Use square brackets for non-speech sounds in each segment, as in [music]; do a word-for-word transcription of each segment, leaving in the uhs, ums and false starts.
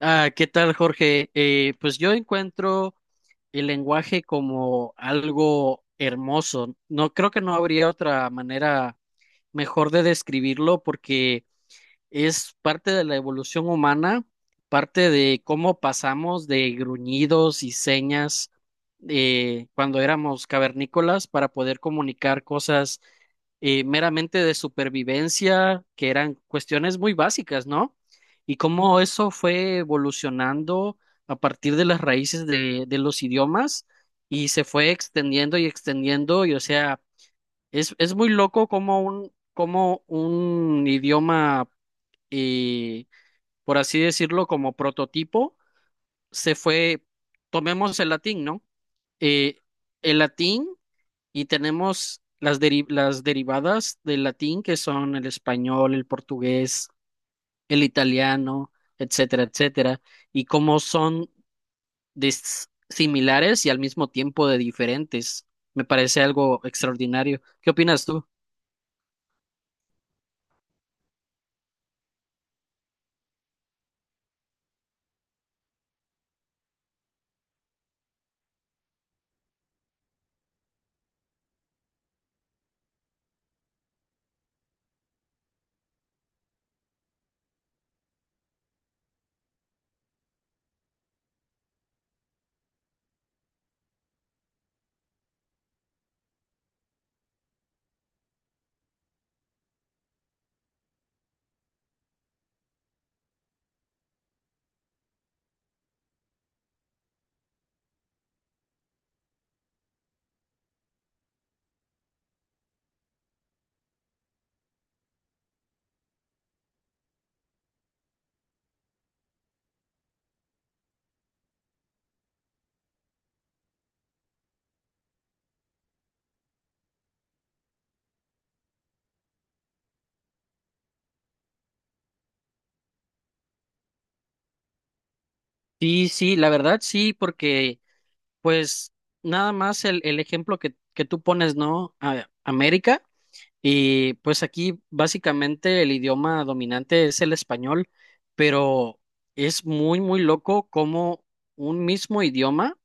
Ah, ¿qué tal, Jorge? Eh, pues yo encuentro el lenguaje como algo hermoso. No creo que no habría otra manera mejor de describirlo porque es parte de la evolución humana, parte de cómo pasamos de gruñidos y señas eh, cuando éramos cavernícolas para poder comunicar cosas eh, meramente de supervivencia, que eran cuestiones muy básicas, ¿no? Y cómo eso fue evolucionando a partir de las raíces de, de los idiomas y se fue extendiendo y extendiendo, y o sea, es, es muy loco cómo un, cómo un idioma y, por así decirlo, como prototipo, se fue, tomemos el latín, ¿no? Eh, el latín y tenemos las, deri- las derivadas del latín, que son el español, el portugués, el italiano, etcétera, etcétera, y cómo son dis- similares y al mismo tiempo de diferentes. Me parece algo extraordinario. ¿Qué opinas tú? Sí, sí, la verdad sí, porque pues nada más el, el ejemplo que, que tú pones, ¿no? A- América. Y pues aquí básicamente el idioma dominante es el español, pero es muy, muy loco cómo un mismo idioma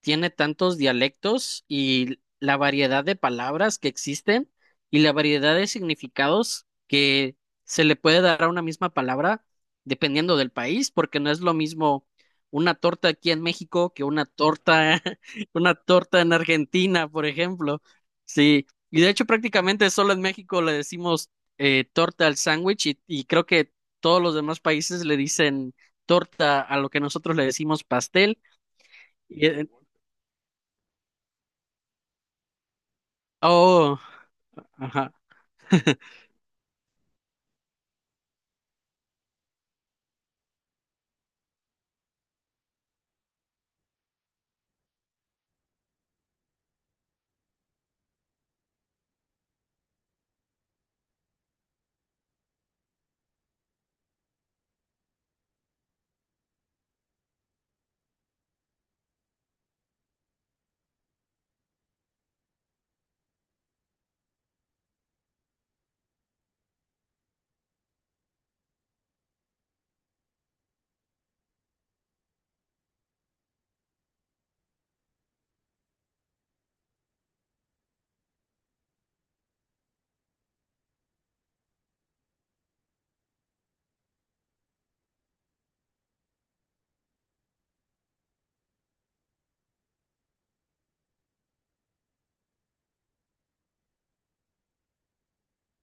tiene tantos dialectos y la variedad de palabras que existen y la variedad de significados que se le puede dar a una misma palabra dependiendo del país, porque no es lo mismo una torta aquí en México que una torta, [laughs] una torta en Argentina, por ejemplo. Sí, y de hecho, prácticamente solo en México le decimos eh, torta al sándwich y, y creo que todos los demás países le dicen torta a lo que nosotros le decimos pastel. Y, eh, oh, ajá. [laughs]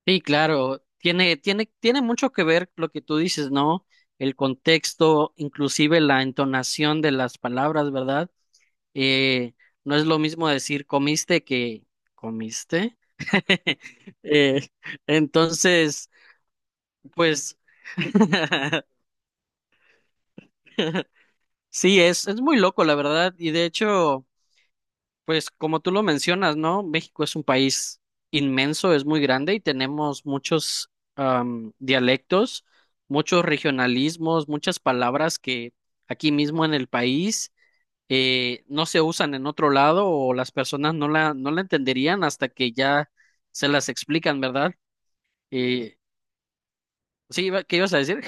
Sí, claro, tiene, tiene, tiene mucho que ver lo que tú dices, ¿no? El contexto, inclusive la entonación de las palabras, ¿verdad? Eh, no es lo mismo decir comiste que comiste. [laughs] Eh, entonces, pues, [laughs] Sí, es, es muy loco, la verdad. Y de hecho, pues como tú lo mencionas, ¿no? México es un país inmenso, es muy grande y tenemos muchos am, dialectos, muchos regionalismos, muchas palabras que aquí mismo en el país eh, no se usan en otro lado o las personas no la, no la entenderían hasta que ya se las explican, ¿verdad? Eh, sí, iba- ¿qué ibas a decir?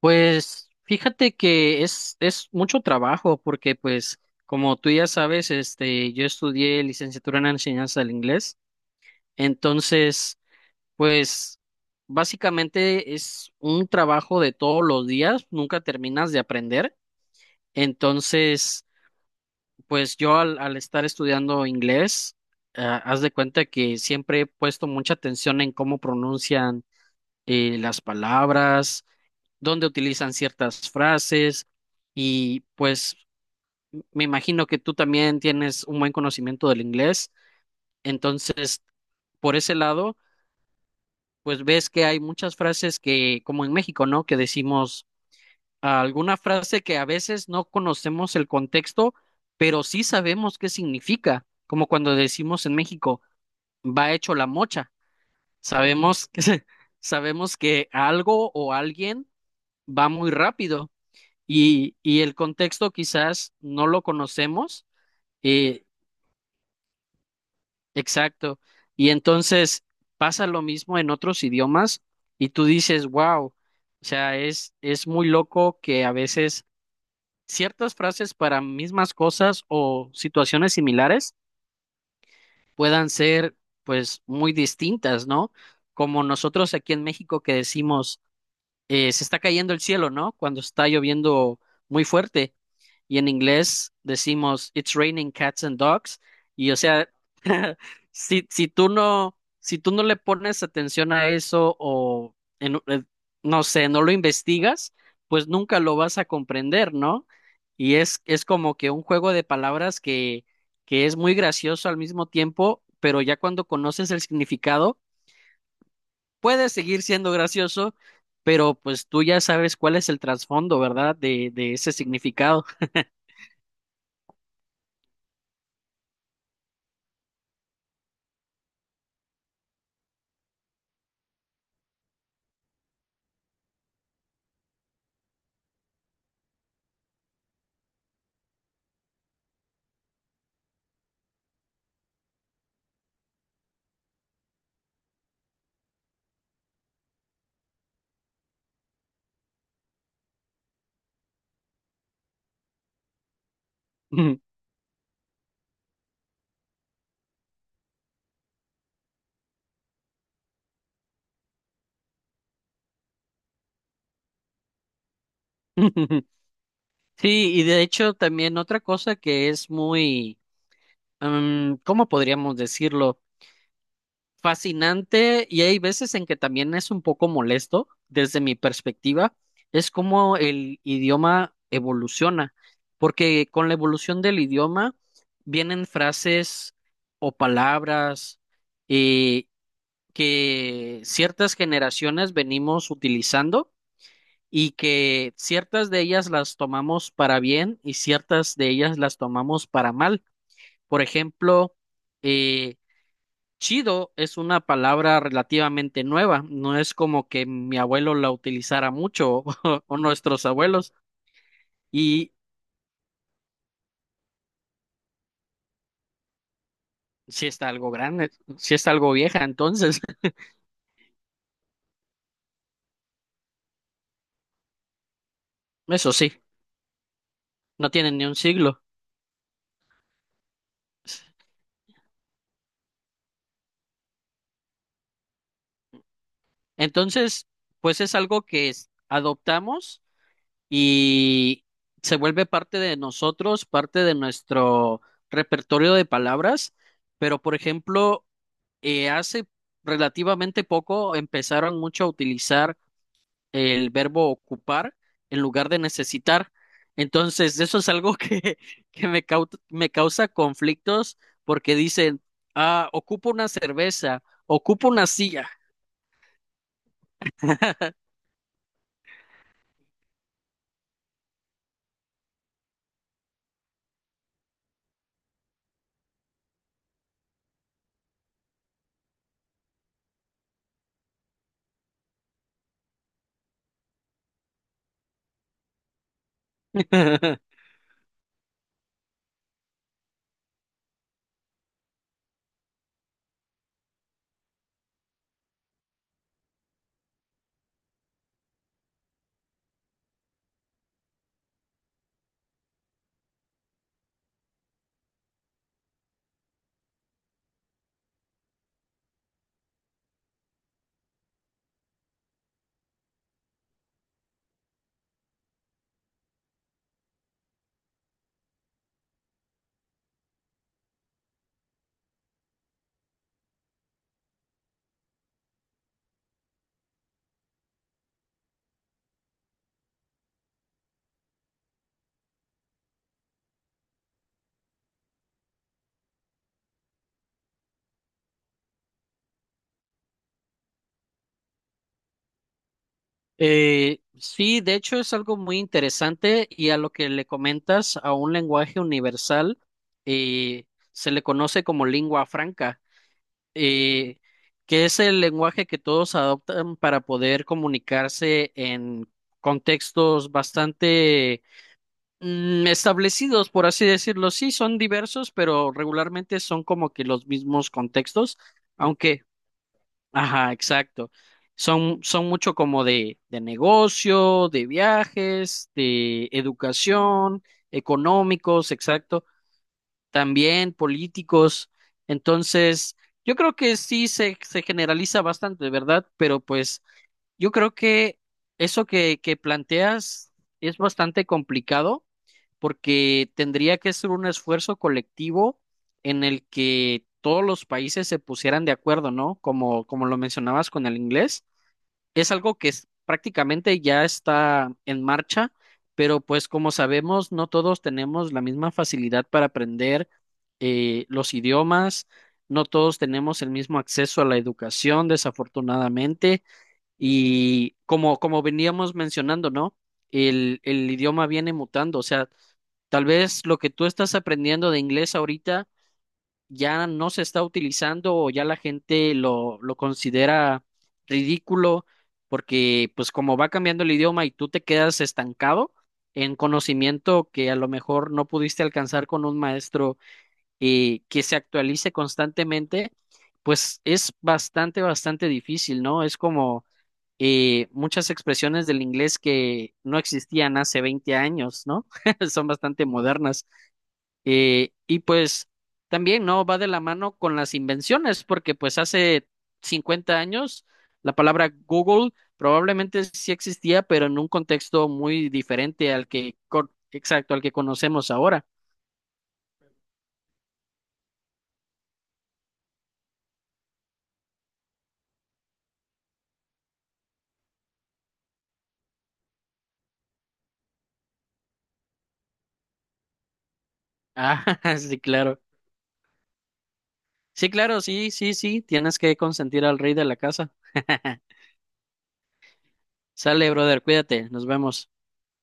Pues fíjate que es, es mucho trabajo porque pues como tú ya sabes, este, yo estudié licenciatura en enseñanza del inglés, entonces pues básicamente es un trabajo de todos los días, nunca terminas de aprender, entonces pues yo al, al estar estudiando inglés, ah, haz de cuenta que siempre he puesto mucha atención en cómo pronuncian eh, las palabras donde utilizan ciertas frases y pues me imagino que tú también tienes un buen conocimiento del inglés, entonces por ese lado, pues ves que hay muchas frases que, como en México, ¿no? Que decimos ah, alguna frase que a veces no conocemos el contexto, pero sí sabemos qué significa, como cuando decimos en México, va hecho la mocha, sabemos que, [laughs] sabemos que algo o alguien va muy rápido. Y, y el contexto quizás no lo conocemos. eh, exacto. Y entonces pasa lo mismo en otros idiomas y tú dices, wow, o sea, es, es muy loco que a veces ciertas frases para mismas cosas o situaciones similares puedan ser pues muy distintas, ¿no? Como nosotros aquí en México que decimos eh, se está cayendo el cielo, ¿no? Cuando está lloviendo muy fuerte. Y en inglés decimos, it's raining cats and dogs. Y o sea, [laughs] si, si tú no, si tú no le pones atención a eso o, en- eh, no sé, no lo investigas, pues nunca lo vas a comprender, ¿no? Y es, es como que un juego de palabras que, que es muy gracioso al mismo tiempo, pero ya cuando conoces el significado, puede seguir siendo gracioso, pero pues tú ya sabes cuál es el trasfondo, ¿verdad? De, de ese significado. [laughs] [laughs] Sí, y de hecho también otra cosa que es muy, mm, ¿cómo podríamos decirlo? Fascinante y hay veces en que también es un poco molesto desde mi perspectiva, es como el idioma evoluciona, porque con la evolución del idioma vienen frases o palabras eh, que ciertas generaciones venimos utilizando y que ciertas de ellas las tomamos para bien y ciertas de ellas las tomamos para mal. Por ejemplo, eh, chido es una palabra relativamente nueva, no es como que mi abuelo la utilizara mucho [laughs] o nuestros abuelos, y si está algo grande, si está algo vieja, entonces, [laughs] eso sí, no tiene ni un siglo. Entonces, pues es algo que es- adoptamos y se vuelve parte de nosotros, parte de nuestro repertorio de palabras, pero por ejemplo, eh, hace relativamente poco empezaron mucho a utilizar el verbo ocupar en lugar de necesitar. Entonces, eso es algo que, [laughs] que me, cau- me causa conflictos porque dicen, ah, ocupo una cerveza, ocupo una silla. [laughs] Eh, sí, de hecho es algo muy interesante y a lo que le comentas a un lenguaje universal eh, se le conoce como lengua franca. eh, que es el lenguaje que todos adoptan para poder comunicarse en contextos bastante mm, establecidos, por así decirlo. Sí, son diversos, pero regularmente son como que los mismos contextos, aunque, ajá, exacto. Son, son mucho como de, de negocio, de viajes, de educación, económicos, exacto, también políticos. Entonces, yo creo que sí se, se generaliza bastante, ¿verdad? Pero pues yo creo que eso que, que planteas es bastante complicado porque tendría que ser un esfuerzo colectivo en el que todos los países se pusieran de acuerdo, ¿no? Como, como lo mencionabas con el inglés, es algo que es- prácticamente ya está en marcha, pero pues como sabemos, no todos tenemos la misma facilidad para aprender eh, los idiomas, no todos tenemos el mismo acceso a la educación, desafortunadamente, y como, como veníamos mencionando, ¿no? El, el idioma viene mutando, o sea, tal vez lo que tú estás aprendiendo de inglés ahorita ya no se está utilizando o ya la gente lo, lo considera ridículo porque pues como va cambiando el idioma y tú te quedas estancado en conocimiento que a lo mejor no pudiste alcanzar con un maestro eh, que se actualice constantemente, pues es bastante, bastante difícil, ¿no? Es como eh, muchas expresiones del inglés que no existían hace veinte años, ¿no? [laughs] Son bastante modernas. Eh, y pues también no va de la mano con las invenciones, porque pues hace cincuenta años la palabra Google probablemente sí existía, pero en un contexto muy diferente al que, co- exacto, al que conocemos ahora. [laughs] Ah, sí, claro. Sí, claro, sí, sí, sí, tienes que consentir al rey de la casa. [laughs] Sale, brother, cuídate, nos vemos.